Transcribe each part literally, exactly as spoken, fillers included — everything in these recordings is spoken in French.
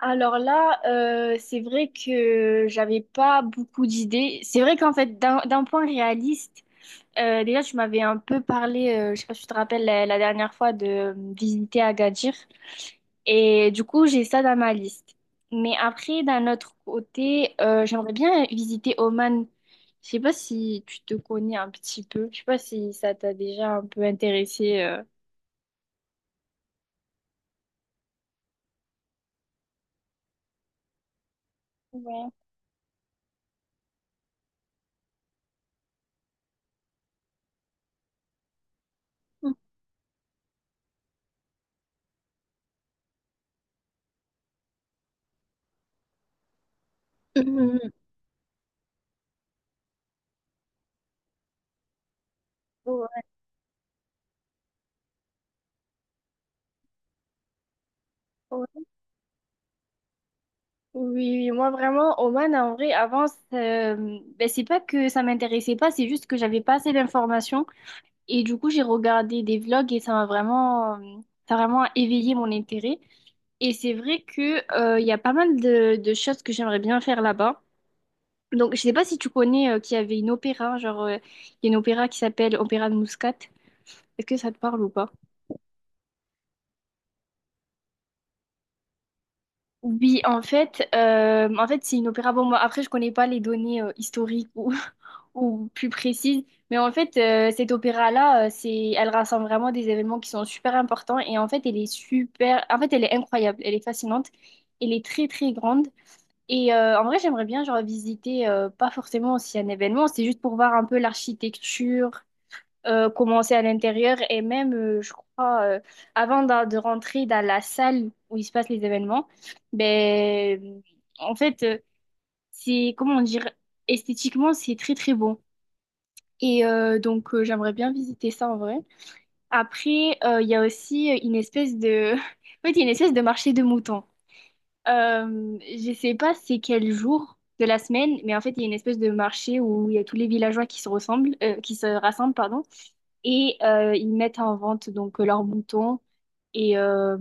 Alors là, euh, c'est vrai que j'avais pas beaucoup d'idées. C'est vrai qu'en fait, d'un d'un point réaliste, euh, déjà tu m'avais un peu parlé, euh, je sais pas si tu te rappelles la, la dernière fois de euh, visiter Agadir. Et du coup, j'ai ça dans ma liste. Mais après, d'un autre côté, euh, j'aimerais bien visiter Oman. Je sais pas si tu te connais un petit peu. Je sais pas si ça t'a déjà un peu intéressé. euh. Ouais. Ouais. Oui, oui, moi vraiment, Oman, en vrai, avant, c'est- ben, c'est pas que ça m'intéressait pas, c'est juste que j'avais pas assez d'informations. Et du coup, j'ai regardé des vlogs et ça m'a vraiment, euh, ça a vraiment éveillé mon intérêt. Et c'est vrai que, euh, il y a pas mal de, de choses que j'aimerais bien faire là-bas. Donc, je sais pas si tu connais, euh, qu'il y avait une opéra, genre, euh, il y a une opéra qui s'appelle Opéra de Muscat. Est-ce que ça te parle ou pas? Oui, en fait, euh, en fait, c'est une opéra. Bon, moi, après, je connais pas les données, euh, historiques ou ou plus précise. Mais en fait, euh, cette opéra-là, euh, c'est, elle rassemble vraiment des événements qui sont super importants. Et en fait, elle est super. En fait, elle est incroyable. Elle est fascinante. Elle est très, très grande. Et euh, en vrai, j'aimerais bien, genre, visiter, euh, pas forcément aussi un événement, c'est juste pour voir un peu l'architecture, euh, comment c'est à l'intérieur. Et même, euh, je crois, euh, avant d'a- de, rentrer dans la salle où il se passe les événements, ben, en fait, euh, c'est, comment dire, esthétiquement, c'est très, très beau. Et euh, donc, euh, j'aimerais bien visiter ça en vrai. Après, euh, il y a aussi euh, une espèce de... En fait, il y a une espèce de marché de moutons. Euh, je sais pas c'est quel jour de la semaine, mais en fait, il y a une espèce de marché où il y a tous les villageois qui se ressemblent, euh, qui se rassemblent, pardon, et euh, ils mettent en vente donc euh, leurs moutons. Et, euh,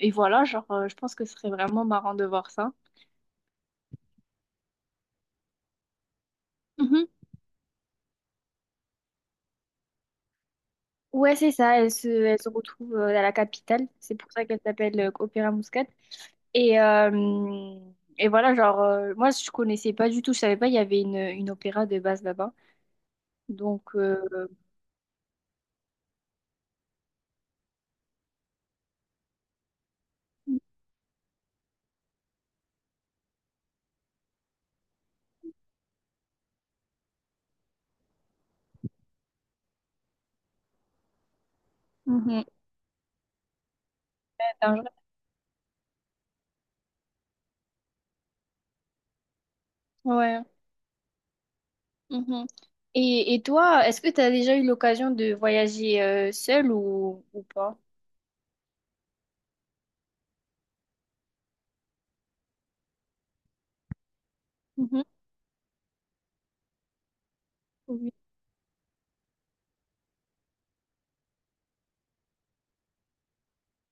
et voilà, genre, euh, je pense que ce serait vraiment marrant de voir ça. Mhm. Ouais, c'est ça, elle se, elle se retrouve euh, à la capitale. C'est pour ça qu'elle s'appelle euh, Opéra Muscat. Et, euh, et voilà, genre, euh, moi, je connaissais pas du tout, je savais pas, il y avait une, une opéra de base là-bas. Donc, euh, mhm. Ouais. Mhm. Et, et toi, est-ce que tu as déjà eu l'occasion de voyager euh, seule ou, ou pas? Mhm. Oui.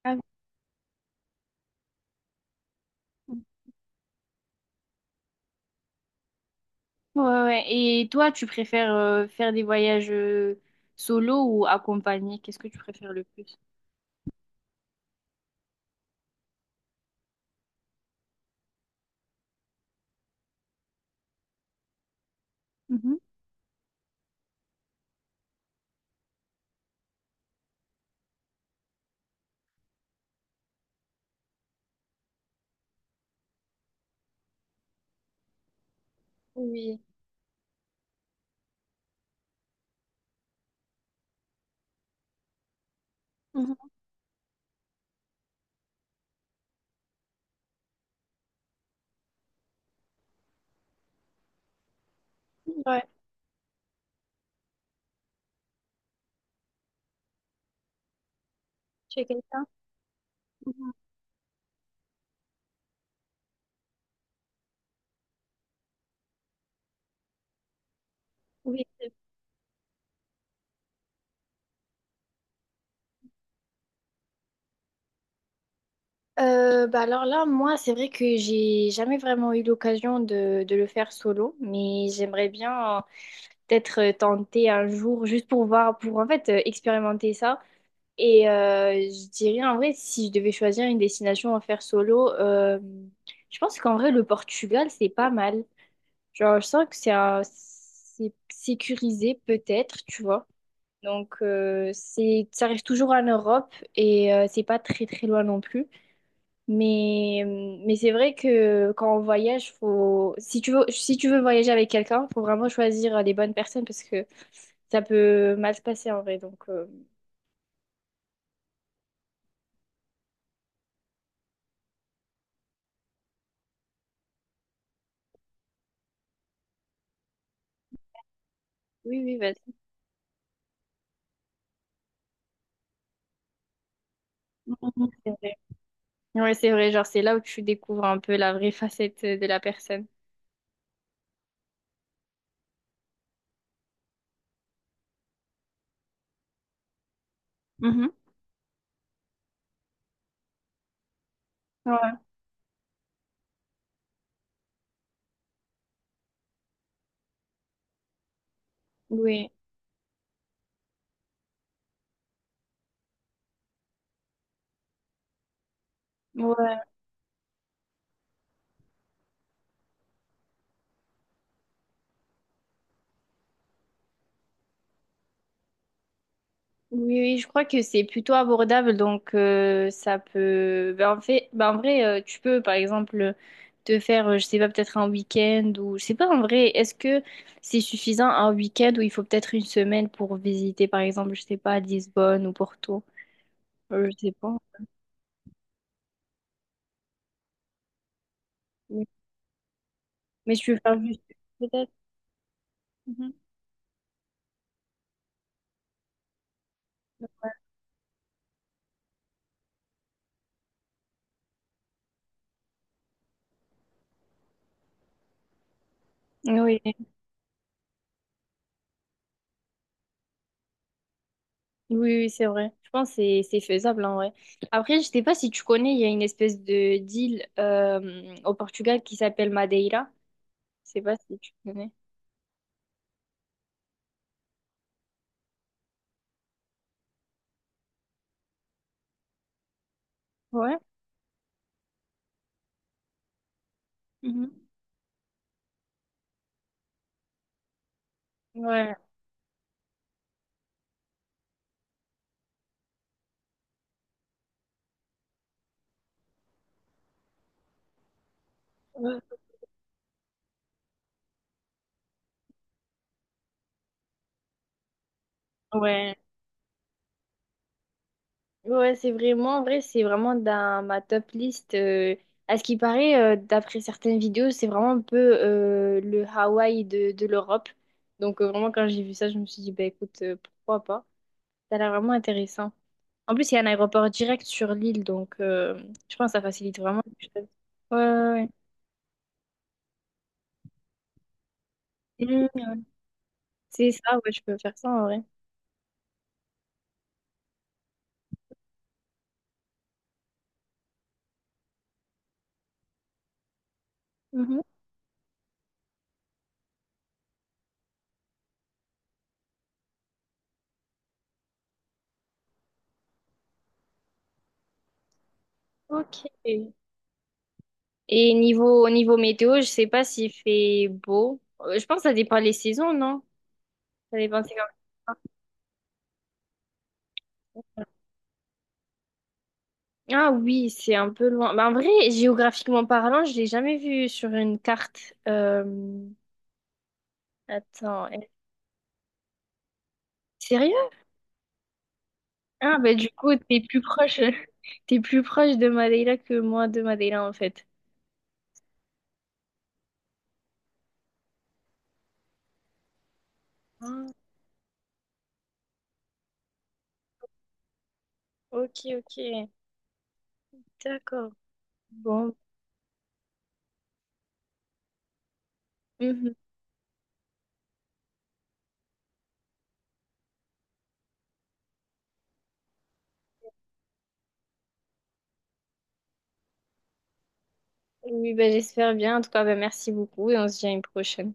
Ah oui. Ouais, ouais. Et toi, tu préfères euh, faire des voyages euh, solo ou accompagnés? Qu'est-ce que tu préfères le plus? Mhm. Oui. Mhm. Ouais. Tu es quelqu'un? Mhm. Oui. Euh, bah alors là, moi, c'est vrai que j'ai jamais vraiment eu l'occasion de, de le faire solo, mais j'aimerais bien euh, peut-être tenter un jour juste pour voir, pour en fait euh, expérimenter ça. Et euh, je dirais en vrai, si je devais choisir une destination à faire solo, euh, je pense qu'en vrai, le Portugal, c'est pas mal. Genre, je sens que c'est un- c'est sécurisé peut-être, tu vois. Donc, euh, c'est, ça reste toujours en Europe et euh, c'est pas très très loin non plus. Mais, mais c'est vrai que quand on voyage, faut, si tu veux, si tu veux voyager avec quelqu'un, faut vraiment choisir euh, les bonnes personnes parce que ça peut mal se passer en vrai. Donc, euh, oui, oui, vas-y. Mhm. C'est vrai. Ouais, c'est vrai. Genre, c'est là où tu découvres un peu la vraie facette de la personne. Mhm. Ouais. Oui. Ouais. Oui, oui, je crois que c'est plutôt abordable, donc euh, ça peut. Ben, en fait, ben, en vrai, euh, tu peux par exemple te faire, euh, je sais pas, peut-être un week-end ou je sais pas en vrai, est-ce que c'est suffisant un week-end ou il faut peut-être une semaine pour visiter par exemple, je sais pas, Lisbonne ou Porto, Euh, je sais pas. Oui. Mais je peux faire juste peut-être. Mhm. Oui, oui, oui, c'est vrai. Je pense que c'est c'est faisable en vrai. Après, je sais pas si tu connais, il y a une espèce de d'île euh, au Portugal qui s'appelle Madeira. Je sais pas si tu connais. Ouais. Mhm. Ouais, ouais, ouais, ouais, c'est vraiment en vrai, c'est vraiment dans ma top list. Euh, à ce qui paraît, euh, d'après certaines vidéos, c'est vraiment un peu euh, le Hawaï de, de l'Europe. Donc, euh, vraiment, quand j'ai vu ça, je me suis dit, bah écoute, euh, pourquoi pas? Ça a l'air vraiment intéressant. En plus, il y a un aéroport direct sur l'île, donc euh, je pense que ça facilite vraiment les choses. Ouais, ouais, ouais. Mhm, ouais. C'est ça, ouais, je peux faire ça en vrai. Mhm. Ok. Et niveau, au niveau météo, je sais pas s'il fait beau. Euh, Je pense que ça dépend les saisons, non? Ça dépend, c'est comme- ah oui, c'est un peu loin. Bah, en vrai, géographiquement parlant, je l'ai jamais vu sur une carte. Euh, Attends, eh, sérieux? Ah bah du coup, t'es plus proche, t'es plus proche de Madeira que moi de Madeira en fait. Ah, ok, ok, d'accord. Bon, mhm. Oui, bah, j'espère bien. En tout cas, bah, merci beaucoup et on se dit à une prochaine.